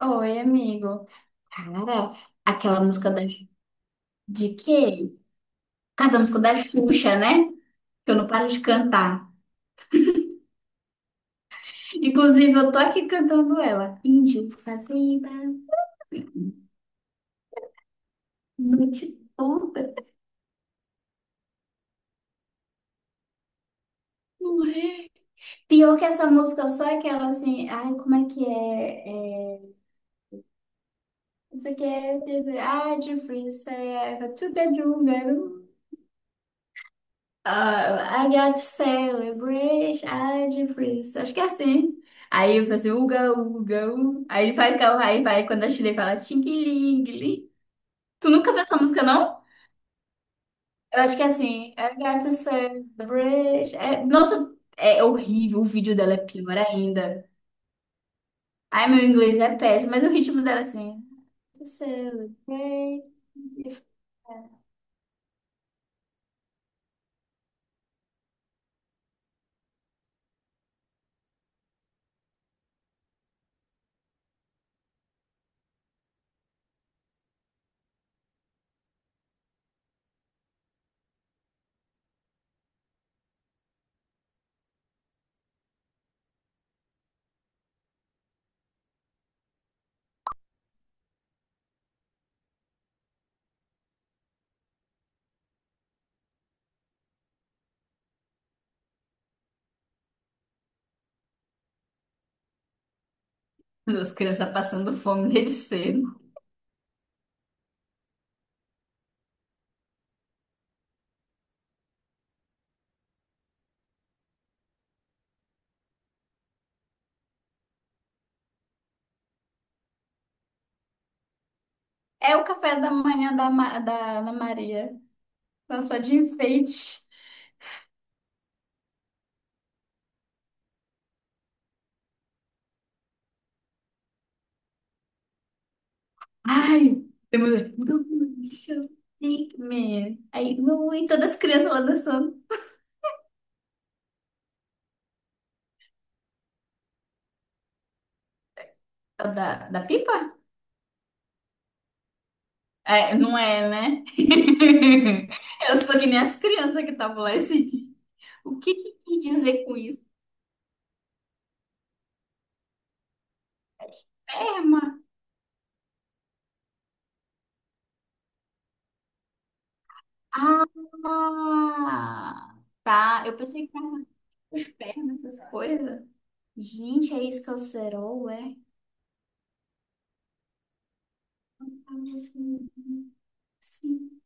Oi, amigo. Cara, aquela música da... De quê? Cada música da Xuxa, né? Que eu não paro de cantar. Inclusive, eu tô aqui cantando ela. Índio fazenda, noite toda. Ué. Pior que essa música, só é aquela assim... Ai, como é que é? Não sei o que é... Ah, de freestyle, to the jungle. Ah, I got to celebrate a difference. Acho que é assim. Aí eu faço assim, uga, uga, uga. Aí vai, aí vai, quando a Chile fala tingue-lingue. Tu nunca viu essa música, não? Eu acho que é assim. I got to celebrate. É, nossa, é horrível. O vídeo dela é pior ainda. Ai, meu inglês é péssimo, mas o ritmo dela é assim. To celebrate a difference. As crianças passando fome desde cedo. É o café da manhã da da Ana Maria. Ela só de enfeite. Ai, demorou. Gaúcha, Pigman. Aí, não, e todas as crianças lá dançando. É o da pipa? É, não é, né? Eu sou que nem as crianças que estavam lá esse dia. O que que quis dizer com isso? Perma. Ah, tá. Eu pensei que tava de perna, essas coisas. Gente, é isso que é o cerol, é? Eu tava assim, sim.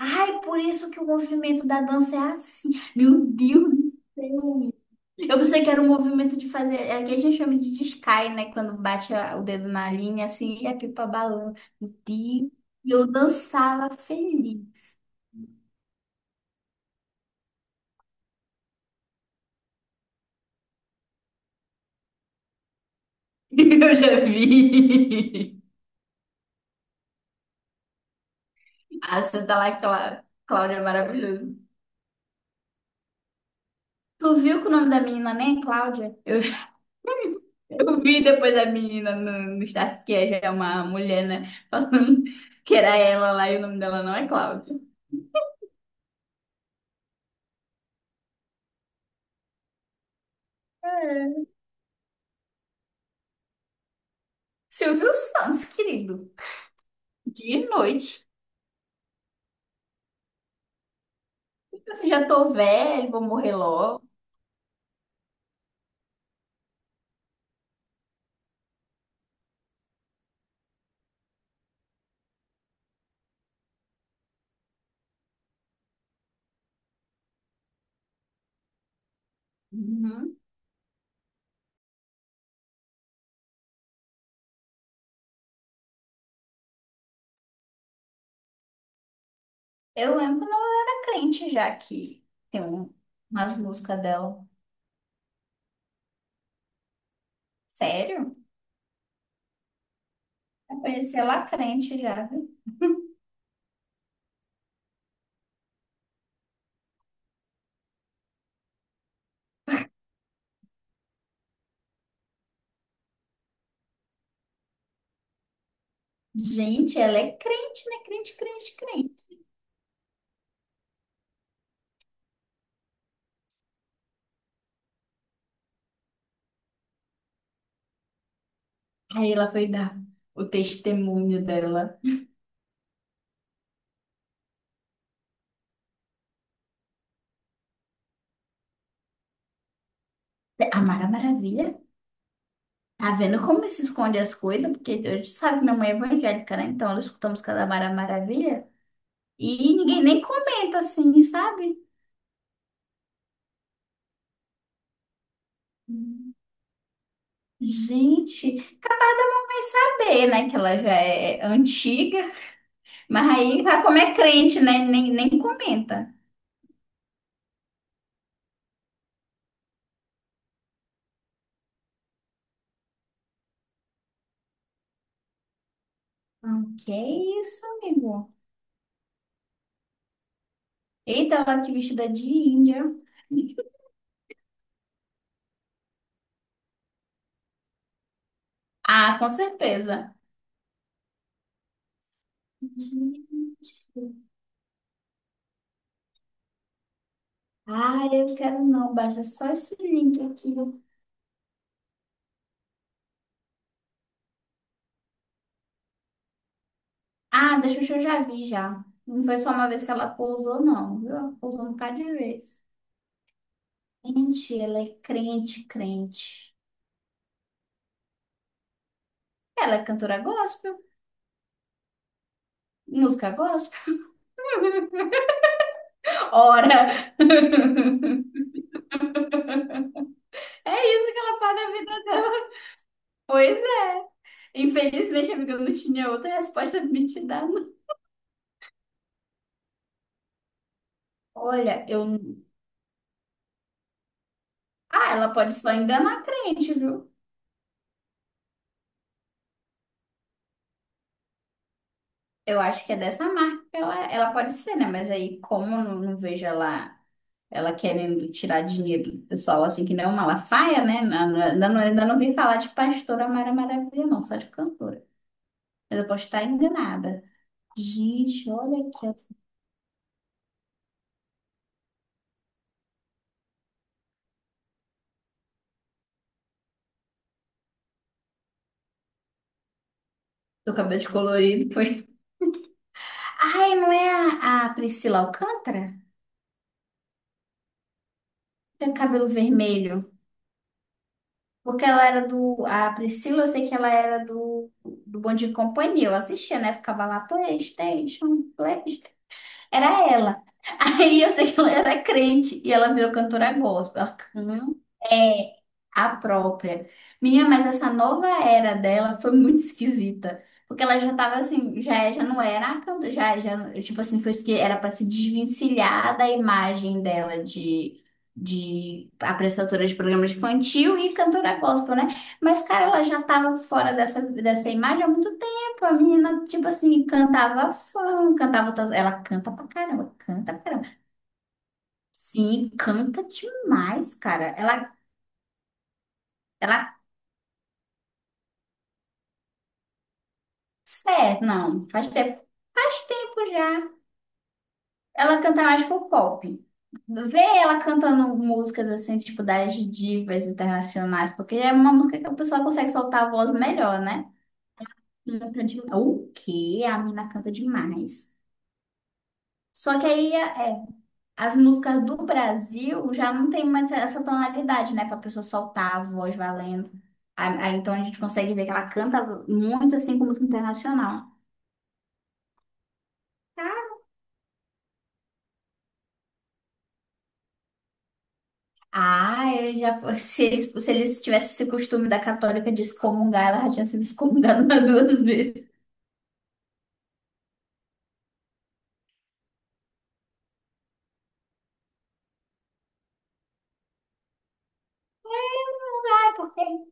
Ai, por isso que o movimento da dança é assim. Meu Deus do céu. Eu pensei que era um movimento de fazer. É que a gente chama de descai, né? Quando bate o dedo na linha, assim, e a pipa balança. Meu Deus. E eu dançava feliz. Eu já vi. Ah, você tá lá, Cláudia, é maravilhoso. Tu viu que o nome da menina nem é Cláudia? Eu vi depois da menina no Status, que é já é uma mulher, né? Falando que era ela lá e o nome dela não é Cláudia. Silvio Santos, querido. De noite. Tipo assim, já tô velho, vou morrer logo. Uhum. Eu lembro quando eu era crente já que tem umas músicas dela. Sério? Apareceu lá crente já, viu? Gente, ela é crente, né? Crente, crente, crente. Aí ela foi dar o testemunho dela. A Mara Maravilha. Tá vendo como se esconde as coisas? Porque a sabe que minha mãe é evangélica, né? Então ela escuta a música da Mara Maravilha. E ninguém nem comenta assim, sabe? Gente, capaz da mamãe saber, né? Que ela já é antiga, mas aí tá como é crente, né? Nem comenta. Ah, que isso, amigo? Eita, ela que vestida de índia. Ah, com certeza. Gente. Ah, eu quero não, baixa só esse link aqui. Ah, da Xuxa eu já vi já. Não foi só uma vez que ela pousou, não, viu? Ela Pousou um bocado de vez. Gente, ela é crente, crente. Ela é cantora gospel. Música gospel? Ora! É isso que ela faz na vida dela. Pois é. Infelizmente, amiga, eu não tinha outra resposta pra me te dar, não. Olha, eu. Ah, ela pode só enganar a crente, viu? Eu acho que é dessa marca que ela pode ser, né? Mas aí, como eu não vejo ela querendo tirar dinheiro do pessoal, assim, que não é uma Malafaia, né? Ainda não vim falar de pastora Mara Maravilha, não, só de cantora. Mas eu posso estar enganada. Gente, olha aqui. Do cabelo descolorido foi. Ai, não é a Priscila Alcântara? Tem cabelo vermelho. Porque ela era do. A Priscila, eu sei que ela era do Bom Dia e Companhia. Eu assistia, né? Ficava lá, PlayStation, PlayStation. Era ela. Aí eu sei que ela era crente e ela virou cantora gospel. Ela canta é a própria. Minha, mas essa nova era dela foi muito esquisita. Porque ela já tava assim, já, já não era a cantora, já, já, tipo assim, foi isso que era para se desvencilhar da imagem dela de apresentadora de programas infantil e cantora gospel, né? Mas, cara, ela já tava fora dessa imagem há muito. Pô, a menina, tipo assim, cantava fã, cantava todas. Ela canta pra caramba, canta pra caramba. Sim, canta demais, cara. Ela, é, não, faz tempo já. Ela canta mais pro pop. Vê ela cantando músicas assim, tipo das divas internacionais, porque é uma música que a pessoa consegue soltar a voz melhor, né? Canta demais. O quê? A mina canta demais. Só que aí é, as músicas do Brasil já não tem mais essa tonalidade, né? Pra pessoa soltar a voz valendo. Então a gente consegue ver que ela canta muito assim com música internacional. Ah, eu já foi. Se eles, se eles tivessem esse costume da católica de excomungar, ela já tinha sido excomungada umas duas vezes. Ah, é porque eu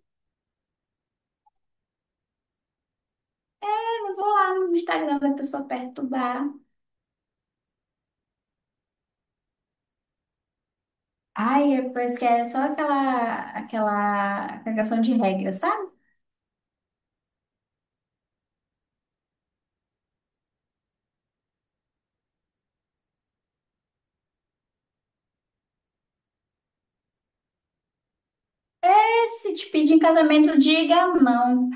não vou lá no Instagram da pessoa perturbar. Ai, é- parece que é só aquela cagação de regra, sabe? É, se te pedir em casamento, diga não.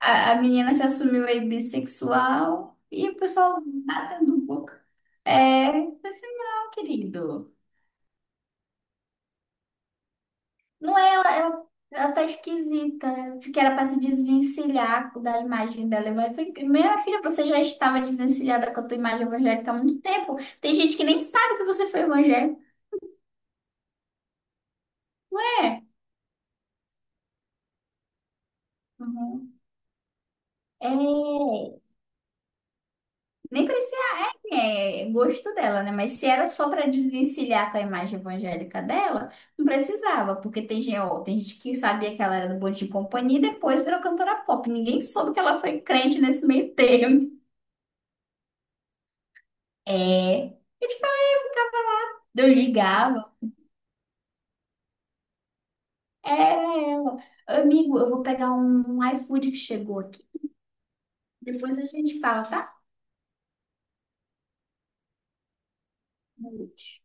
A menina se assumiu aí bissexual e o pessoal nada no boca. É, eu falei assim, não, querido. Não é, ela tá esquisita, né? Se que era para se desvencilhar da imagem dela. Eu falei, minha filha, você já estava desvencilhada com a tua imagem evangélica há muito tempo. Tem gente que nem sabe que você foi evangélica. Ué, uhum. É, nem precisa, é gosto dela, né? Mas se era só para desvencilhar com a imagem evangélica dela, não precisava, porque tem, gente ó, tem gente que sabia que ela era do Bom de Companhia e depois virou cantora pop. Ninguém soube que ela foi crente nesse meio termo. É. Eu ligava. Era ela. Amigo, eu vou pegar um iFood que chegou aqui. Depois a gente fala, tá? Boa noite.